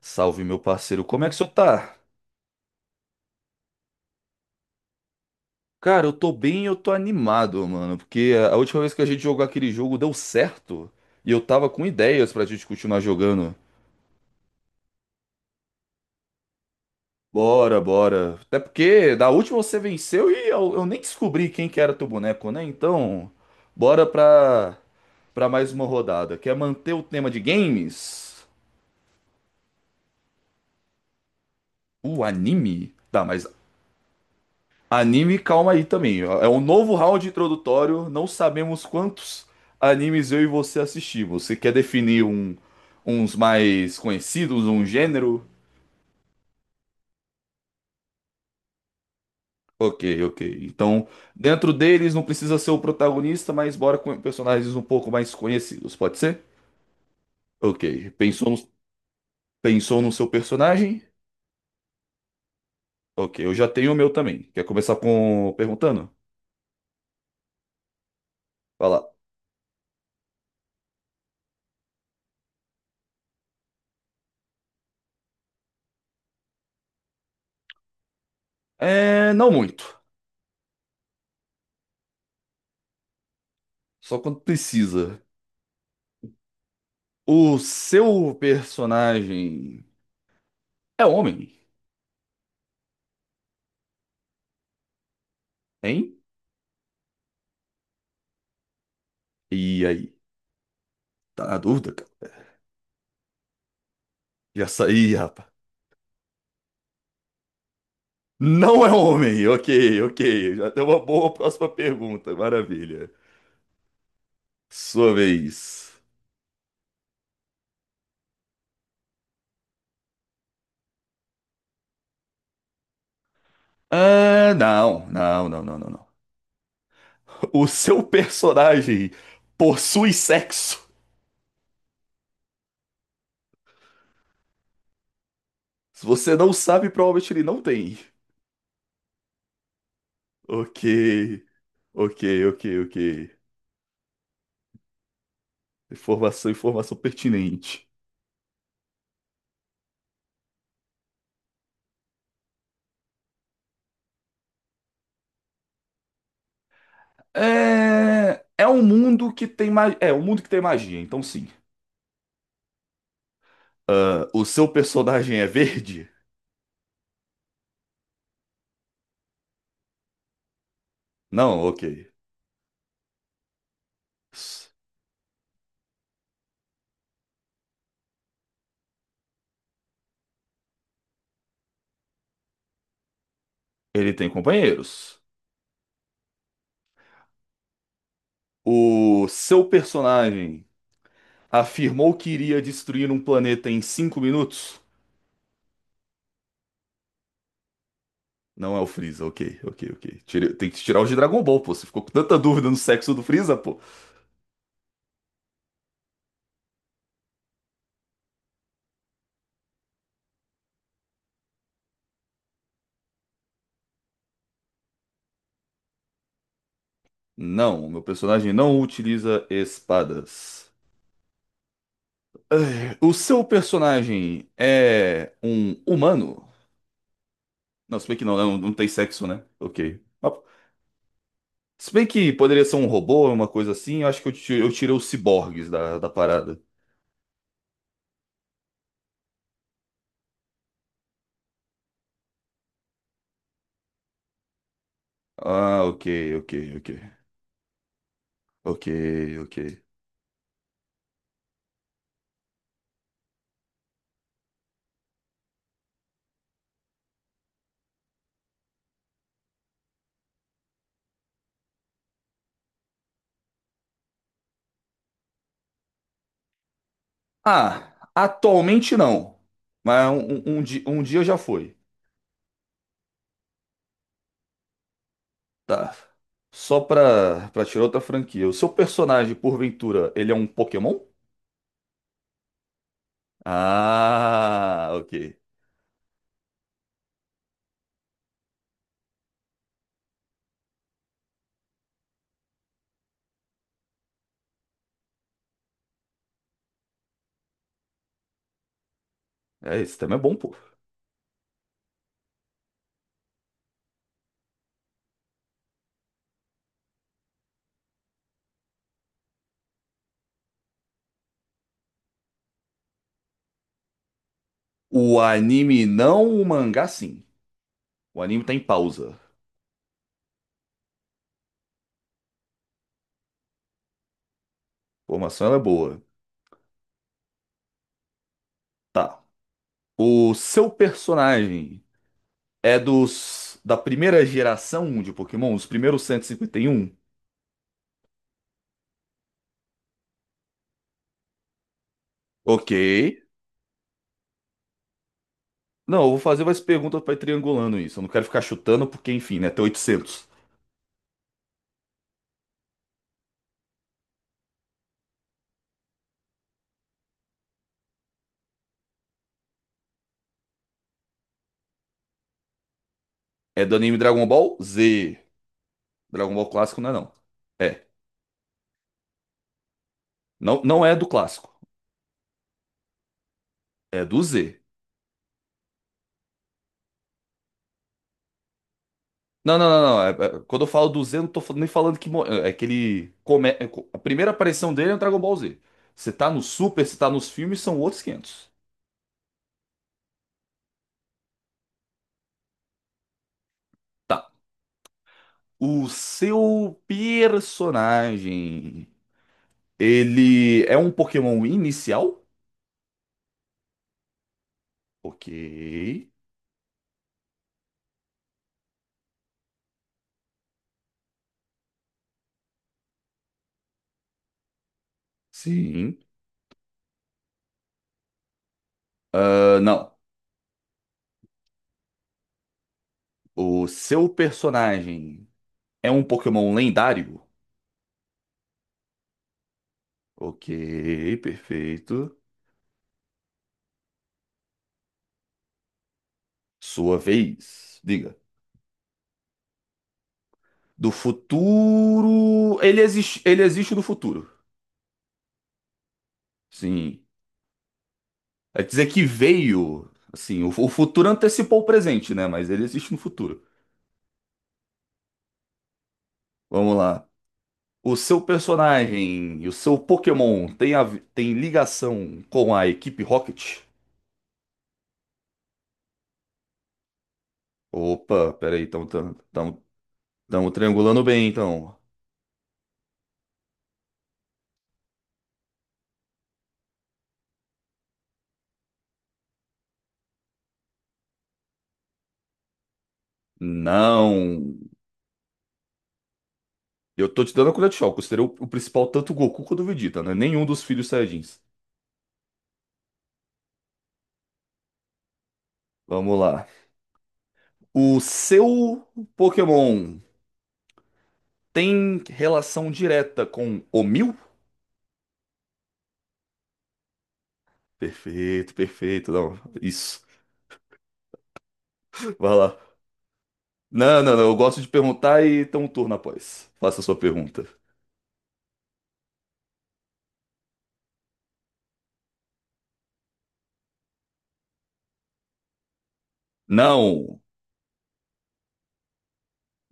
Salve, meu parceiro. Como é que o senhor tá? Cara, eu tô bem, e eu tô animado, mano, porque a última vez que a gente jogou aquele jogo deu certo e eu tava com ideias pra gente continuar jogando. Bora, bora. Até porque da última você venceu e eu nem descobri quem que era teu boneco, né? Então, bora pra mais uma rodada. Quer manter o tema de games? O anime? Tá, mas. Anime, calma aí também. É um novo round introdutório. Não sabemos quantos animes eu e você assistimos. Você quer definir um, uns mais conhecidos, um gênero? Ok, ok. Então, dentro deles não precisa ser o protagonista, mas bora com personagens um pouco mais conhecidos, pode ser? Ok. Pensou no seu personagem? Ok, eu já tenho o meu também. Quer começar com perguntando? Vai lá. É, não muito. Só quando precisa. O seu personagem é homem, hein? E aí? Tá na dúvida, cara? Já saí, rapaz. Não é homem. Ok, ok. Já deu uma boa próxima pergunta. Maravilha. Sua vez. Ah, não, não, não, não, não, não. O seu personagem possui sexo? Se você não sabe, provavelmente ele não tem. Ok, ok, ok, ok. Informação, informação pertinente. É um mundo que tem magia. É um mundo que tem magia, então sim. Ah, o seu personagem é verde? Não, ok. Ele tem companheiros. O seu personagem afirmou que iria destruir um planeta em 5 minutos? Não é o Freeza, ok, ok, ok. Tem que tirar os de Dragon Ball, pô. Você ficou com tanta dúvida no sexo do Freeza, pô. Não, meu personagem não utiliza espadas. Ah, o seu personagem é um humano? Não, se bem que não, né? Não, não tem sexo, né? Ok. Mas se bem que poderia ser um robô, uma coisa assim, eu acho que eu tirei os ciborgues da parada. Ah, ok, ok, ok. Ok, ok. Ah, atualmente não. Mas um dia já foi. Tá. Só pra tirar outra franquia. O seu personagem, porventura, ele é um Pokémon? Ah, ok. É, esse tema é bom, pô. O anime não, o mangá sim. O anime tá em pausa. A informação ela é boa. Tá. O seu personagem. É dos da primeira geração de Pokémon, os primeiros cento e cinquenta e um. Ok. Não, eu vou fazer umas perguntas pra ir triangulando isso. Eu não quero ficar chutando, porque, enfim, né? Tem 800. É do anime Dragon Ball Z. Dragon Ball clássico não é, não. É. Não, não é do clássico. É do Z. Não, não, não, não. Quando eu falo do Z, eu não tô nem falando que. É que ele. A primeira aparição dele é no Dragon Ball Z. Você tá no Super, você tá nos filmes, são outros 500. Tá. O seu personagem. Ele é um Pokémon inicial? Ok. Sim. Ah, não. O seu personagem é um Pokémon lendário? Ok, perfeito. Sua vez. Diga. Do futuro. Ele existe do futuro. Sim. É dizer que veio. Assim, o futuro antecipou o presente, né? Mas ele existe no futuro. Vamos lá. O seu personagem e o seu Pokémon tem ligação com a equipe Rocket? Opa, peraí, então estamos triangulando bem, então. Não. Eu tô te dando a colher de chá. Eu considero o principal tanto o Goku quanto o Vegeta, né? Nenhum dos filhos Saiyajins. Vamos lá. O seu Pokémon tem relação direta com o Mil? Perfeito, perfeito. Não, isso. Vai lá. Não, não, não. Eu gosto de perguntar e tem um turno após. Faça a sua pergunta. Não.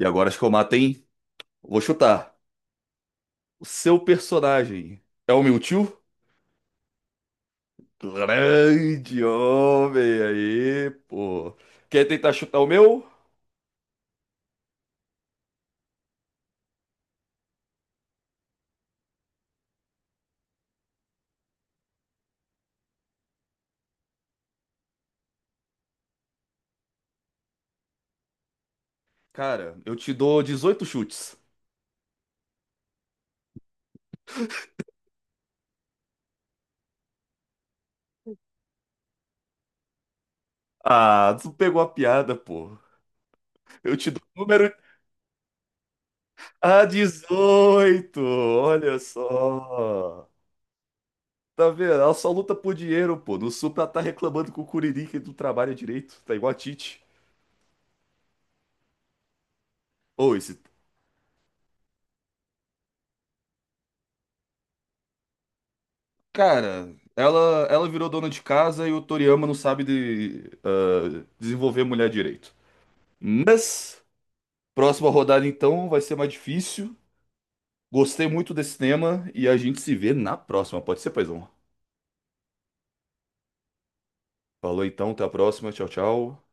E agora acho que eu mato, hein? Vou chutar. O seu personagem é o Mewtwo? Grande homem aí, pô. Quer tentar chutar o meu? Cara, eu te dou 18 chutes. Ah, tu pegou a piada, pô. Eu te dou o número. Ah, 18! Olha só. Tá vendo? Ela só luta por dinheiro, pô. No Supra ela tá reclamando com o Curiri que não trabalha direito. Tá igual a Tite. Ou esse. Cara, ela virou dona de casa e o Toriyama não sabe de, desenvolver mulher direito. Mas. Próxima rodada, então, vai ser mais difícil. Gostei muito desse tema e a gente se vê na próxima. Pode ser, paizão? Falou então, até a próxima. Tchau, tchau.